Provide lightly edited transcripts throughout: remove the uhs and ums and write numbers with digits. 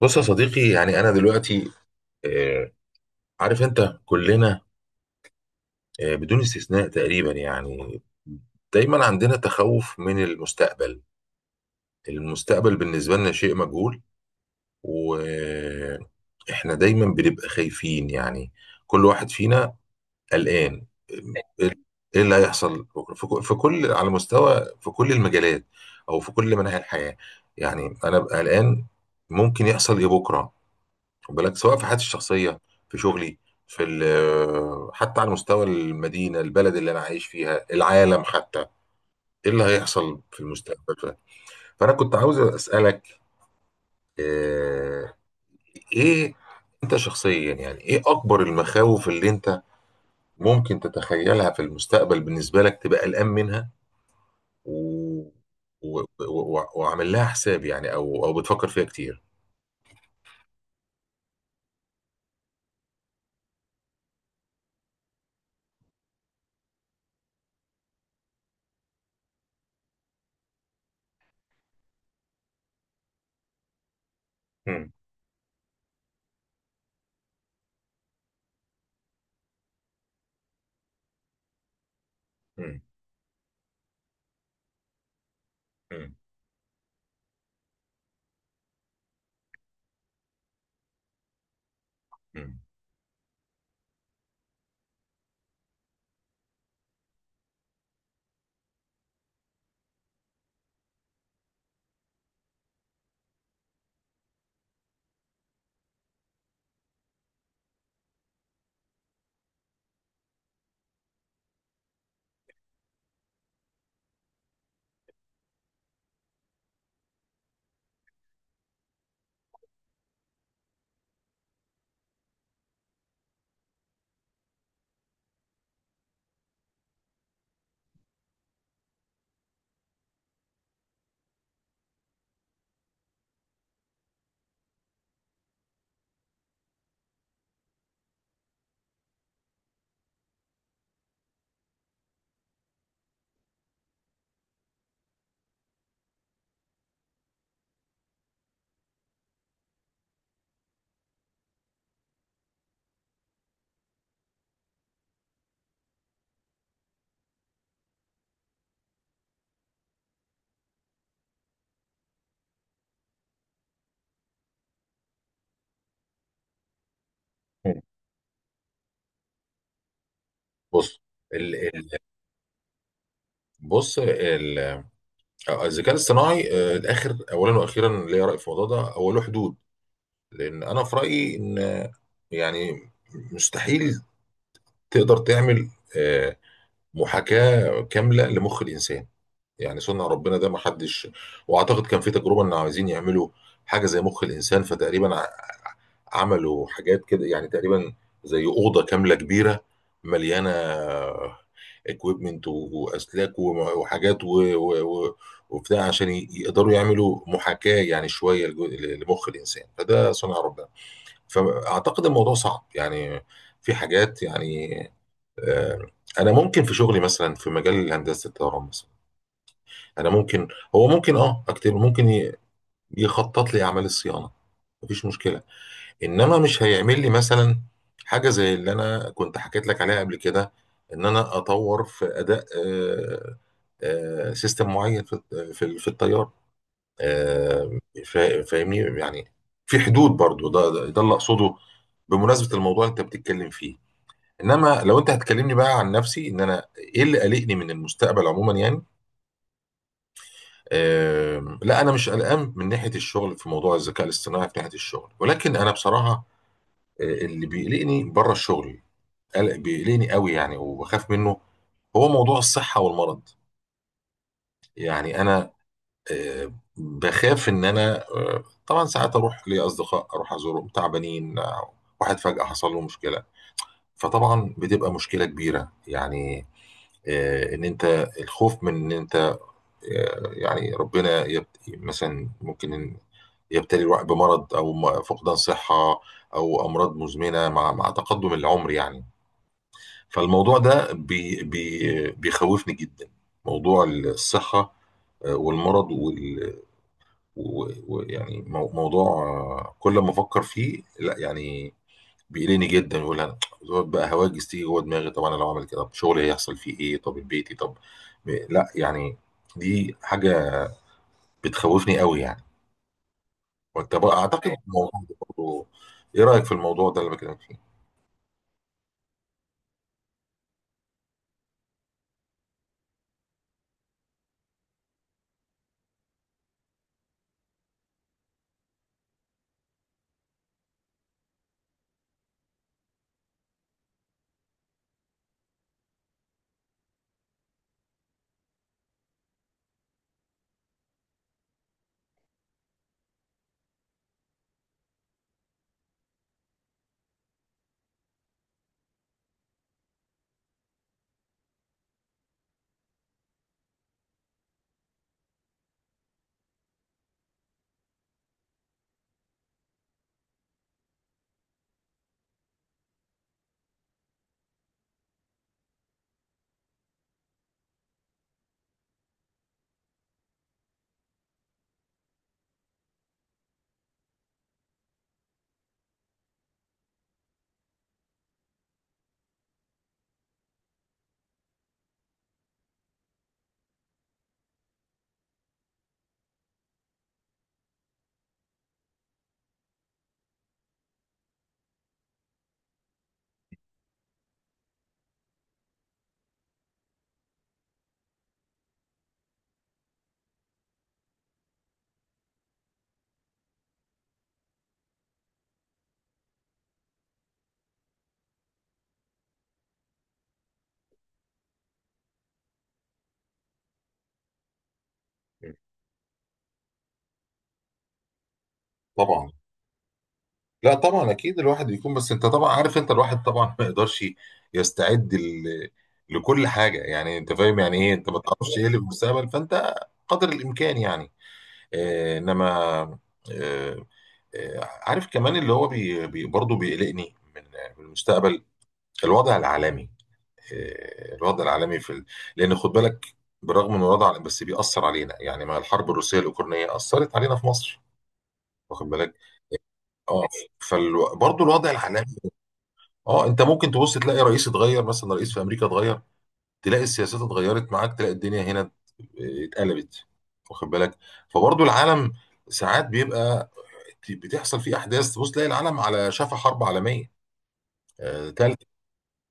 بص يا صديقي، يعني انا دلوقتي، آه، عارف انت كلنا، بدون استثناء تقريبا، يعني دايما عندنا تخوف من المستقبل. المستقبل بالنسبة لنا شيء مجهول، واحنا دايما بنبقى خايفين، يعني كل واحد فينا قلقان. ايه اللي هيحصل في كل، على مستوى في كل المجالات، او في كل مناحي الحياة. يعني انا ببقى قلقان، ممكن يحصل ايه بكرة. خد بالك، سواء في حياتي الشخصيه، في شغلي، في ال- آه، حتى على مستوى المدينه، البلد اللي انا عايش فيها، العالم حتى. ايه اللي هيحصل في المستقبل؟ ف- فانا كنت عاوز اسالك، آه، ايه انت شخصيا، يعني ايه اكبر المخاوف اللي انت ممكن تتخيلها في المستقبل، بالنسبه لك تبقى قلقان منها و... و... و... و- وعامل لها حساب، يعني او بتفكر فيها كتير. مم. مم. مم. مم. بص ال... ال... بص ال... آه، الذكاء الاصطناعي، الاخر، اولا واخيرا، ليا راي في الموضوع ده. هو له حدود، لان انا في رايي ان، يعني مستحيل تقدر تعمل آه، محاكاه كامله لمخ الانسان. يعني صنع ربنا، ده ما حدش. واعتقد كان في تجربه ان عايزين يعملوا حاجه زي مخ الانسان، فتقريبا عملوا حاجات كده يعني تقريبا. زي اوضه كامله كبيره، مليانه اكويبمنت واسلاك و- وحاجات و- و- و- وبتاع، عشان يقدروا يعملوا محاكاه، يعني شويه لمخ الانسان، فده صنع ربنا. فاعتقد الموضوع صعب، يعني في حاجات، يعني، آه، انا ممكن في شغلي مثلا، في مجال هندسه الطيران مثلا، انا ممكن هو ممكن، اكتب، ممكن يخطط لي اعمال الصيانه، مفيش مشكله. انما مش هيعمل لي مثلا حاجه زي اللي انا كنت حكيت لك عليها قبل كده، ان انا اطور في اداء، سيستم معين في التيار، آه، فاهمني يعني. في حدود برضو، ده اللي اقصده بمناسبه الموضوع اللي انت بتتكلم فيه. انما لو انت هتكلمني بقى عن نفسي، ان انا ايه اللي قلقني من المستقبل عموما يعني، لا، انا مش قلقان من ناحيه الشغل في موضوع الذكاء الاصطناعي في ناحيه الشغل، ولكن انا بصراحه، اللي بيقلقني بره الشغل، قلق بيقلقني قوي يعني وبخاف منه، هو موضوع الصحة والمرض. يعني أنا، بخاف إن أنا، طبعا ساعات أروح لأصدقاء، أروح أزورهم تعبانين، واحد فجأة حصل له مشكلة، فطبعا بتبقى مشكلة كبيرة يعني. إن أنت، الخوف من إن أنت، يعني ربنا مثلا ممكن إن يبتلي الواحد بمرض، أو فقدان صحة، أو أمراض مزمنة مع تقدم العمر يعني. فالموضوع ده بي بي بيخوفني جدا، موضوع الصحة، والمرض وال- و- ويعني موضوع، كل ما افكر فيه، لا يعني، بيقلقني جدا. يقول انا دول بقى هواجس تيجي جوه دماغي، طب انا لو عملت كده، طب شغلي هيحصل فيه ايه، طب بيتي، طب لا يعني، دي حاجة بتخوفني قوي يعني. وانت بقى اعتقد الموضوع ده برضه، ايه رأيك في الموضوع ده اللي بكلمك فيه؟ طبعا. لا طبعا، اكيد الواحد يكون، بس انت طبعا عارف، انت الواحد طبعا ما يقدرش يستعد لكل حاجه يعني، انت فاهم يعني ايه. انت ما تعرفش ايه اللي في المستقبل، فانت قدر الامكان يعني. انما، آه عارف كمان اللي هو، بي بي برضه بيقلقني من المستقبل، الوضع العالمي. الوضع العالمي لان خد بالك، برغم ان بس بيأثر علينا يعني، ما الحرب الروسيه الاوكرانيه اثرت علينا في مصر، واخد بالك. اه فبرضه الوضع العالمي. اه انت ممكن تبص، تلاقي رئيس اتغير، مثلا رئيس في امريكا اتغير، تلاقي السياسات اتغيرت معاك، تلاقي الدنيا هنا اتقلبت، واخد بالك. فبرضو العالم ساعات بيبقى، بتحصل فيه احداث، تبص تلاقي العالم على شفا حرب عالميه، تالتة.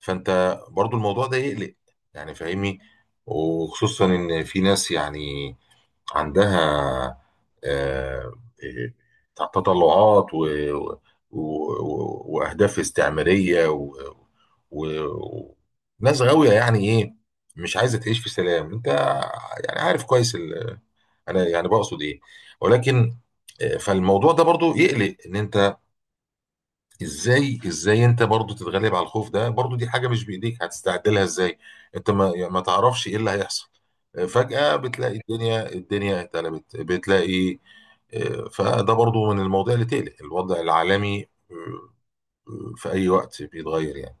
فانت برضو الموضوع ده يقلق، يعني فاهمني. وخصوصا ان في ناس يعني عندها، آه، آه، تطلعات و و- و- واهداف استعماريه و... ناس غاويه، يعني ايه، مش عايزه تعيش في سلام، انت يعني عارف كويس انا يعني بقصد ايه. ولكن، فالموضوع ده برضو يقلق، ان انت ازاي انت برضو تتغلب على الخوف ده، برضو دي حاجة مش بايديك، هتستعد لها ازاي؟ انت ما يعني ما تعرفش ايه اللي هيحصل. فجأة بتلاقي الدنيا اتقلبت، بتلاقي، فده برضو من المواضيع اللي تقلق، الوضع العالمي في اي وقت بيتغير يعني.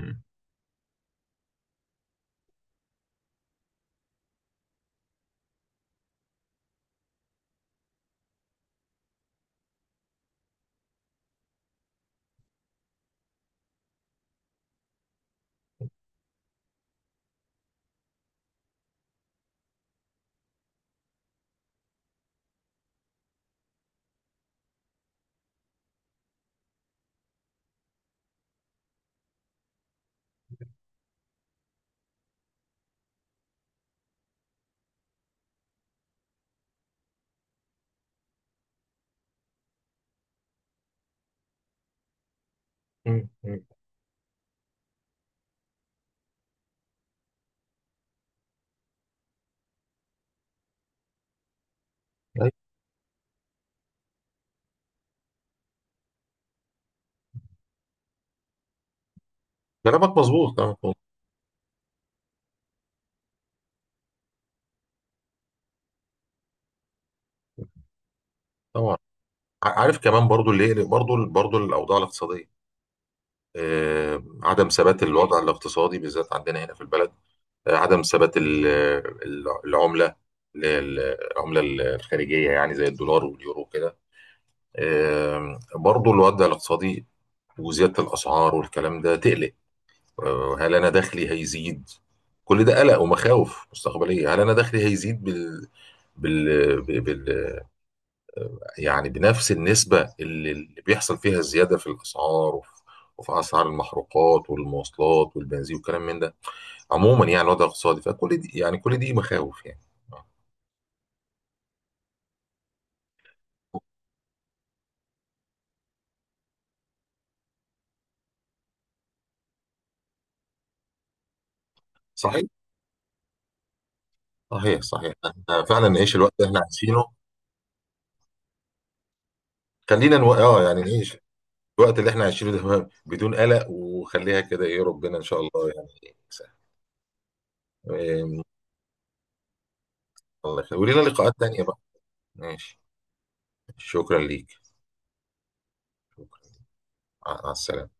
مم. مم. مم. أيوة. كلامك مظبوط، كلامك مظبوط. طبعا. عارف كمان برضو اللي يقلق برضو، الاوضاع الاقتصادية، عدم ثبات الوضع الاقتصادي بالذات عندنا هنا في البلد، عدم ثبات العملة لل- العملة الخارجية، يعني زي الدولار واليورو كده. برضو الوضع الاقتصادي، وزيادة الأسعار والكلام ده تقلق. هل أنا دخلي هيزيد؟ كل ده قلق ومخاوف مستقبلية. هل أنا دخلي هيزيد بال... بال... يعني بنفس النسبة اللي بيحصل فيها الزيادة في الأسعار وفي أسعار المحروقات والمواصلات والبنزين والكلام من ده، عموما يعني الوضع الاقتصادي، فكل دي يعني، كل دي مخاوف يعني. صحيح. صحيح صحيح، احنا فعلا نعيش الوقت اللي احنا عايشينه. خلينا نو... اه يعني نعيش الوقت اللي احنا عايشينه ده بدون قلق، وخليها كده، ايه ربنا ان شاء الله يعني يسهل. إيه، الله يخليك، ولينا لقاءات تانية بقى. ماشي، شكرا ليك، شكرا. مع السلامة.